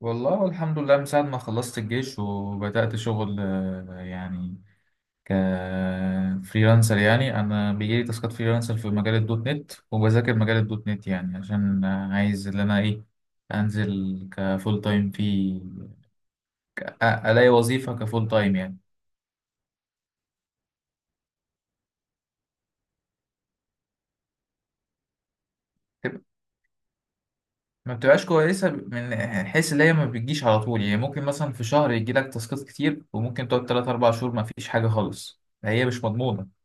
والله الحمد لله من ساعة ما خلصت الجيش وبدأت شغل، يعني كفريلانسر. يعني أنا بيجيلي تاسكات فريلانسر في مجال الدوت نت، وبذاكر مجال الدوت نت يعني عشان عايز إن أنا إيه أنزل كفول تايم في ألاقي وظيفة كفول تايم يعني. تب- ما بتبقاش كويسة من حيث اللي هي ما بتجيش على طول. يعني ممكن مثلا في شهر يجيلك تاسكات كتير، وممكن تقعد تلات أربع شهور ما فيش حاجة خالص. هي مش مضمونة.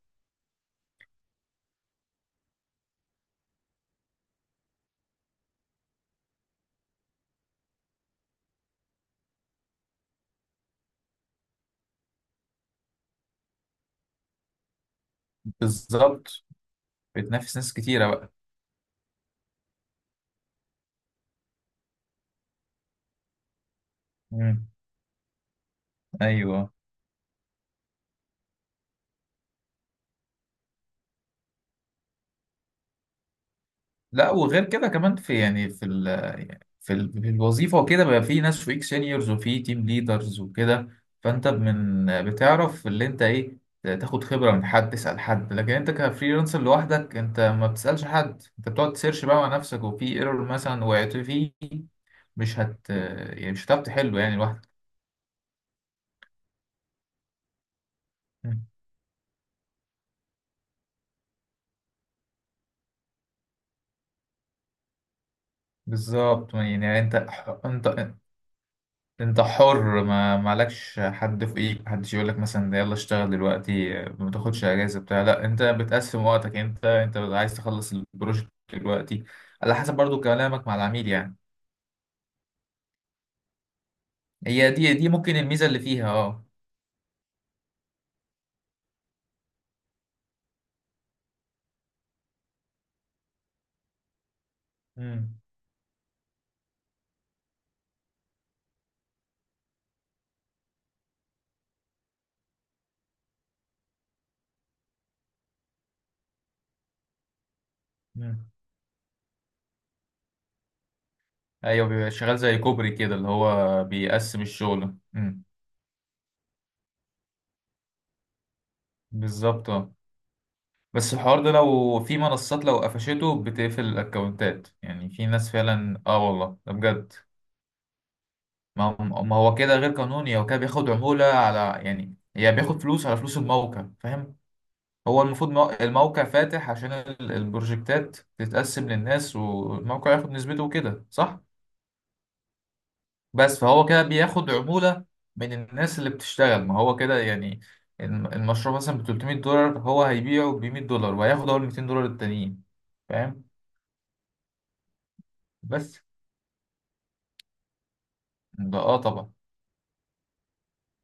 بالظبط، بتنافس ناس كتيرة. بقى، ايوه. لا وغير كده كمان في يعني في ال في, ال في الوظيفه وكده، بقى في ناس فوقيك سينيورز وفي تيم ليدرز وكده. فانت من بتعرف اللي انت ايه، تاخد خبره من حد، تسال حد. لكن انت كفريلانسر لوحدك، انت ما بتسالش حد، انت بتقعد تسيرش بقى مع نفسك. وفي ايرور مثلا وقعت فيه، مش هتعرف تحله يعني لوحدك. مم. بالظبط يعني انت، انت انت حر، ما مالكش حد في ايدك، محدش يقول لك مثلا ده يلا اشتغل دلوقتي، ما تاخدش اجازه بتاع، لا، انت بتقسم وقتك، انت عايز تخلص البروجكت دلوقتي على حسب برضو كلامك مع العميل يعني. هي دي، دي ممكن الميزه اللي فيها، اه. امم. امم. ايوه، بيبقى شغال زي كوبري كده، اللي هو بيقسم الشغل. امم. بالظبط، اه. بس الحوار ده لو في منصات لو قفشته بتقفل الاكونتات، يعني في ناس فعلا، اه والله ده بجد. ما هو كده غير قانوني، هو كده بياخد عمولة على، يعني هي بياخد فلوس على فلوس الموقع، فاهم. هو المفروض الموقع فاتح عشان البروجكتات تتقسم للناس والموقع ياخد نسبته وكده، صح؟ بس فهو كده بياخد عمولة من الناس اللي بتشتغل. ما هو كده يعني المشروع مثلا ب 300 دولار، هو هيبيعه ب 100 دولار، وهياخد هو ال 200 دولار التانيين، فاهم. بس ده، اه، طبعا.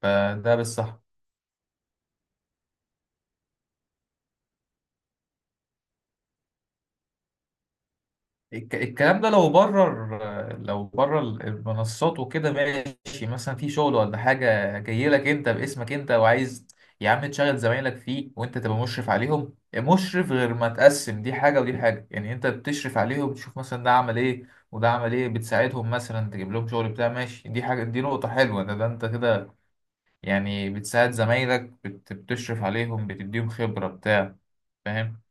فده بالصح، الكلام ده لو بره لو بره المنصات وكده، ماشي، مثلا في شغل ولا حاجة جاي لك انت باسمك انت، وعايز يا عم تشغل زمايلك فيه وانت تبقى مشرف عليهم. مشرف، غير ما تقسم، دي حاجة ودي حاجة. يعني انت بتشرف عليهم، تشوف مثلا ده عمل ايه وده عمل ايه، بتساعدهم مثلا تجيب لهم شغل بتاع، ماشي، دي حاجة، دي نقطة حلوة. ده, ده انت كده يعني بتساعد زمايلك، بتشرف عليهم، بتديهم خبرة بتاع، فاهم.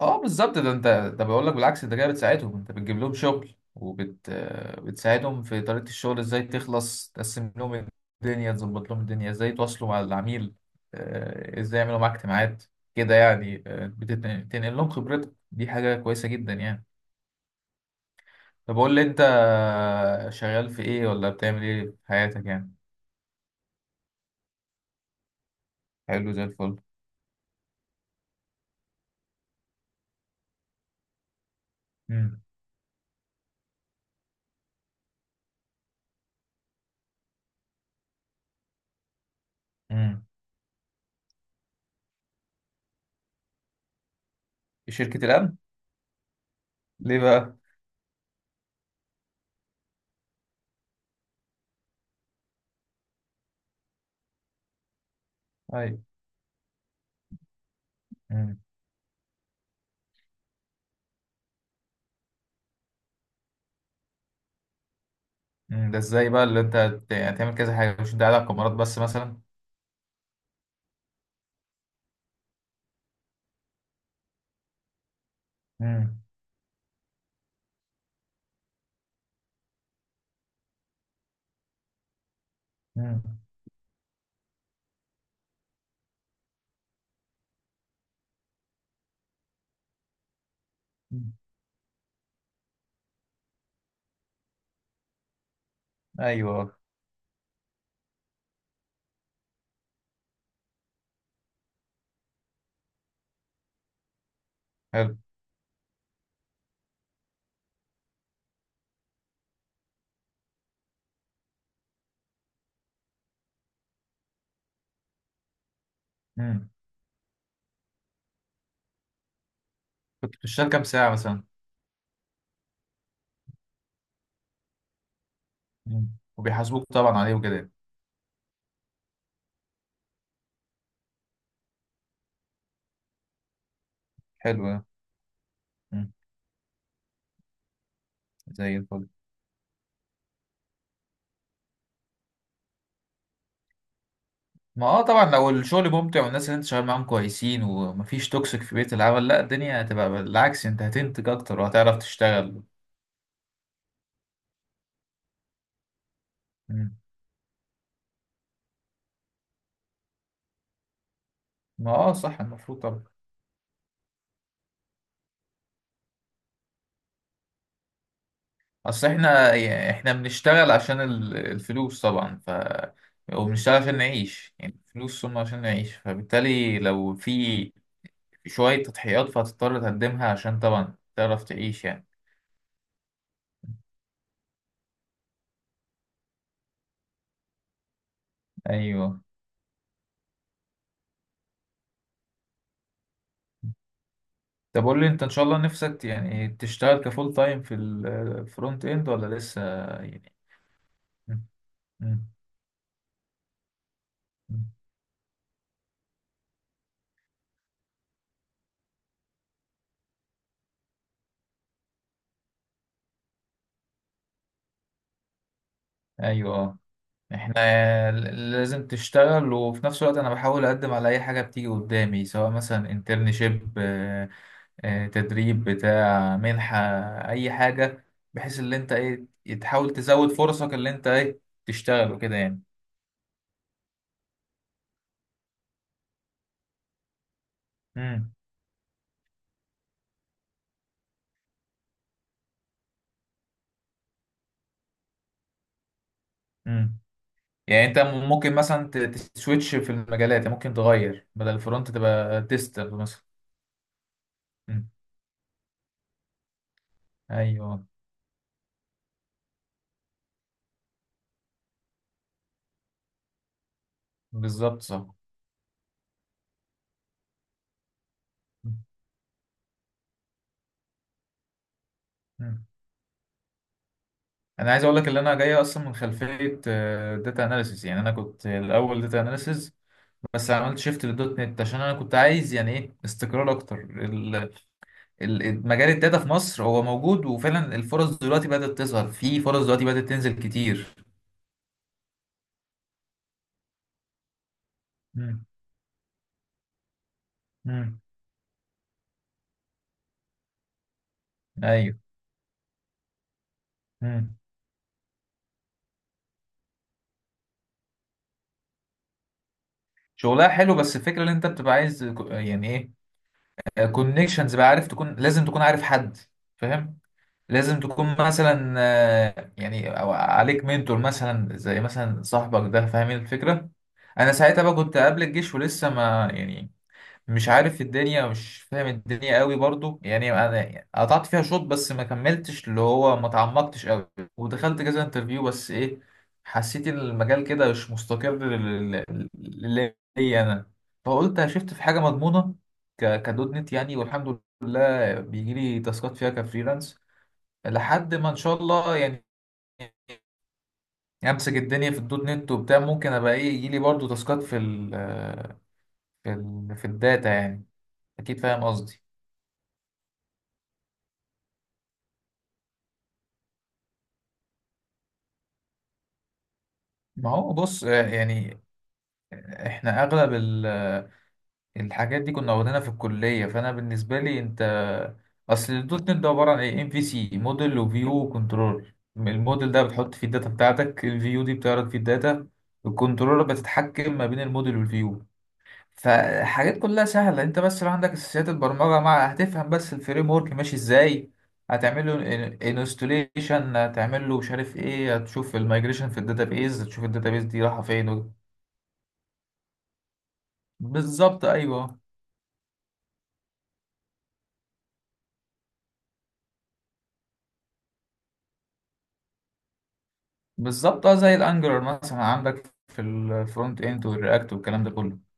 اه بالظبط، ده انت، ده بقول لك بالعكس، انت كده بتساعدهم، انت بتجيب لهم شغل وبت آه، بتساعدهم في طريقة الشغل، ازاي تخلص، تقسم لهم الدنيا، تظبط لهم الدنيا، ازاي يتواصلوا مع العميل، ازاي يعملوا معاك اجتماعات كده يعني. بتنقل لهم خبرتك، دي حاجة كويسة جدا يعني. طب قول لي انت، شغال في ايه ولا بتعمل ايه في حياتك يعني. حلو زي الفل. امم. امم. شركة الأمن. ليه بقى؟ ايوه. مم، ده ازاي بقى اللي انت يعني تعمل كذا حاجة، مش انت قاعد على الكاميرات بس مثلا. مم، مم، مم. ايوه. حلو. مم. كنت بتشتغل كام ساعة مثلا؟ مم. وبيحاسبوك طبعا عليه وكده. حلو ده. مم. زي الفل. ما اه طبعا، لو الشغل ممتع والناس اللي انت شغال معاهم كويسين ومفيش توكسيك في بيئة العمل، لا، الدنيا هتبقى بالعكس، انت هتنتج اكتر وهتعرف تشتغل. مم. ما اه، صح، المفروض طبعا. اصل احنا بنشتغل عشان الفلوس طبعا، ف، وبنشتغل عشان نعيش. يعني الفلوس ثم عشان نعيش، فبالتالي لو في شوية تضحيات فهتضطر تقدمها عشان طبعا تعرف تعيش يعني. ايوه. طب قول لي انت، ان شاء الله نفسك يعني تشتغل كفول تايم في الفرونت اند ولا لسه يعني؟ م- م- م. ايوه. احنا لازم تشتغل، وفي نفس الوقت انا بحاول اقدم على اي حاجه بتيجي قدامي، سواء مثلا انترنشيب، تدريب بتاع، منحة، أي حاجة، بحيث إن أنت إيه تحاول تزود فرصك اللي أنت إيه تشتغل وكده يعني. امم. امم. يعني أنت ممكن مثلا تسويتش في المجالات، يعني ممكن تغير بدل الفرونت تبقى تيستر مثلا. مم. أيوه. بالظبط، صح. مم. مم. أنا عايز أقول لك إن أنا جاي أصلا من خلفية داتا أناليسيس. يعني أنا كنت الأول داتا أناليسيس، بس عملت شيفت للدوت نت عشان أنا كنت عايز يعني إيه استقرار أكتر. مجال الداتا في مصر هو موجود، وفعلا الفرص دلوقتي بدأت تظهر، في فرص دلوقتي بدأت تنزل كتير. مم. مم. ايوه. مم. شغلها حلو، بس الفكرة ان انت بتبقى عايز كو- يعني ايه كونكشنز بقى، عارف، تكون لازم تكون عارف حد، فاهم. لازم تكون مثلا يعني أو عليك منتور مثلا، زي مثلا صاحبك ده، فاهمين الفكرة. انا ساعتها بقى كنت قبل الجيش ولسه ما يعني، مش عارف الدنيا، مش فاهم الدنيا قوي برضو. يعني انا قطعت فيها شوط بس ما كملتش، اللي هو ما تعمقتش قوي، ودخلت كذا انترفيو، بس ايه، حسيت إن المجال كده مش مستقر ليا انا. فقلت شفت في حاجه مضمونه كدوت نت يعني، والحمد لله بيجي لي تاسكات فيها كفريلانس، لحد ما ان شاء الله يعني امسك الدنيا في الدوت نت وبتاع، ممكن ابقى ايه، يجي لي برضو تاسكات في ال في الداتا يعني. اكيد، فاهم قصدي. ما هو بص، يعني احنا اغلب الحاجات دي كنا واخدينها في الكليه. فانا بالنسبه لي انت، اصل الدوت نت ده عباره عن ايه، ام في سي، موديل وفيو وكنترول. الموديل ده بتحط فيه الداتا بتاعتك، الفيو دي بتعرض فيه الداتا، الكنترولر بتتحكم ما بين الموديل والفيو. فحاجات كلها سهله، انت بس لو عندك اساسيات البرمجه مع هتفهم بس الفريم ورك ماشي ازاي. هتعمل له انستوليشن، هتعمل له مش عارف ايه، هتشوف المايجريشن في الداتابيز، هتشوف الداتابيز دي رايحه فين. بالظبط، ايوه. بالظبط اه، زي الانجلر مثلا عندك في الفرونت اند والرياكت والكلام ده كله.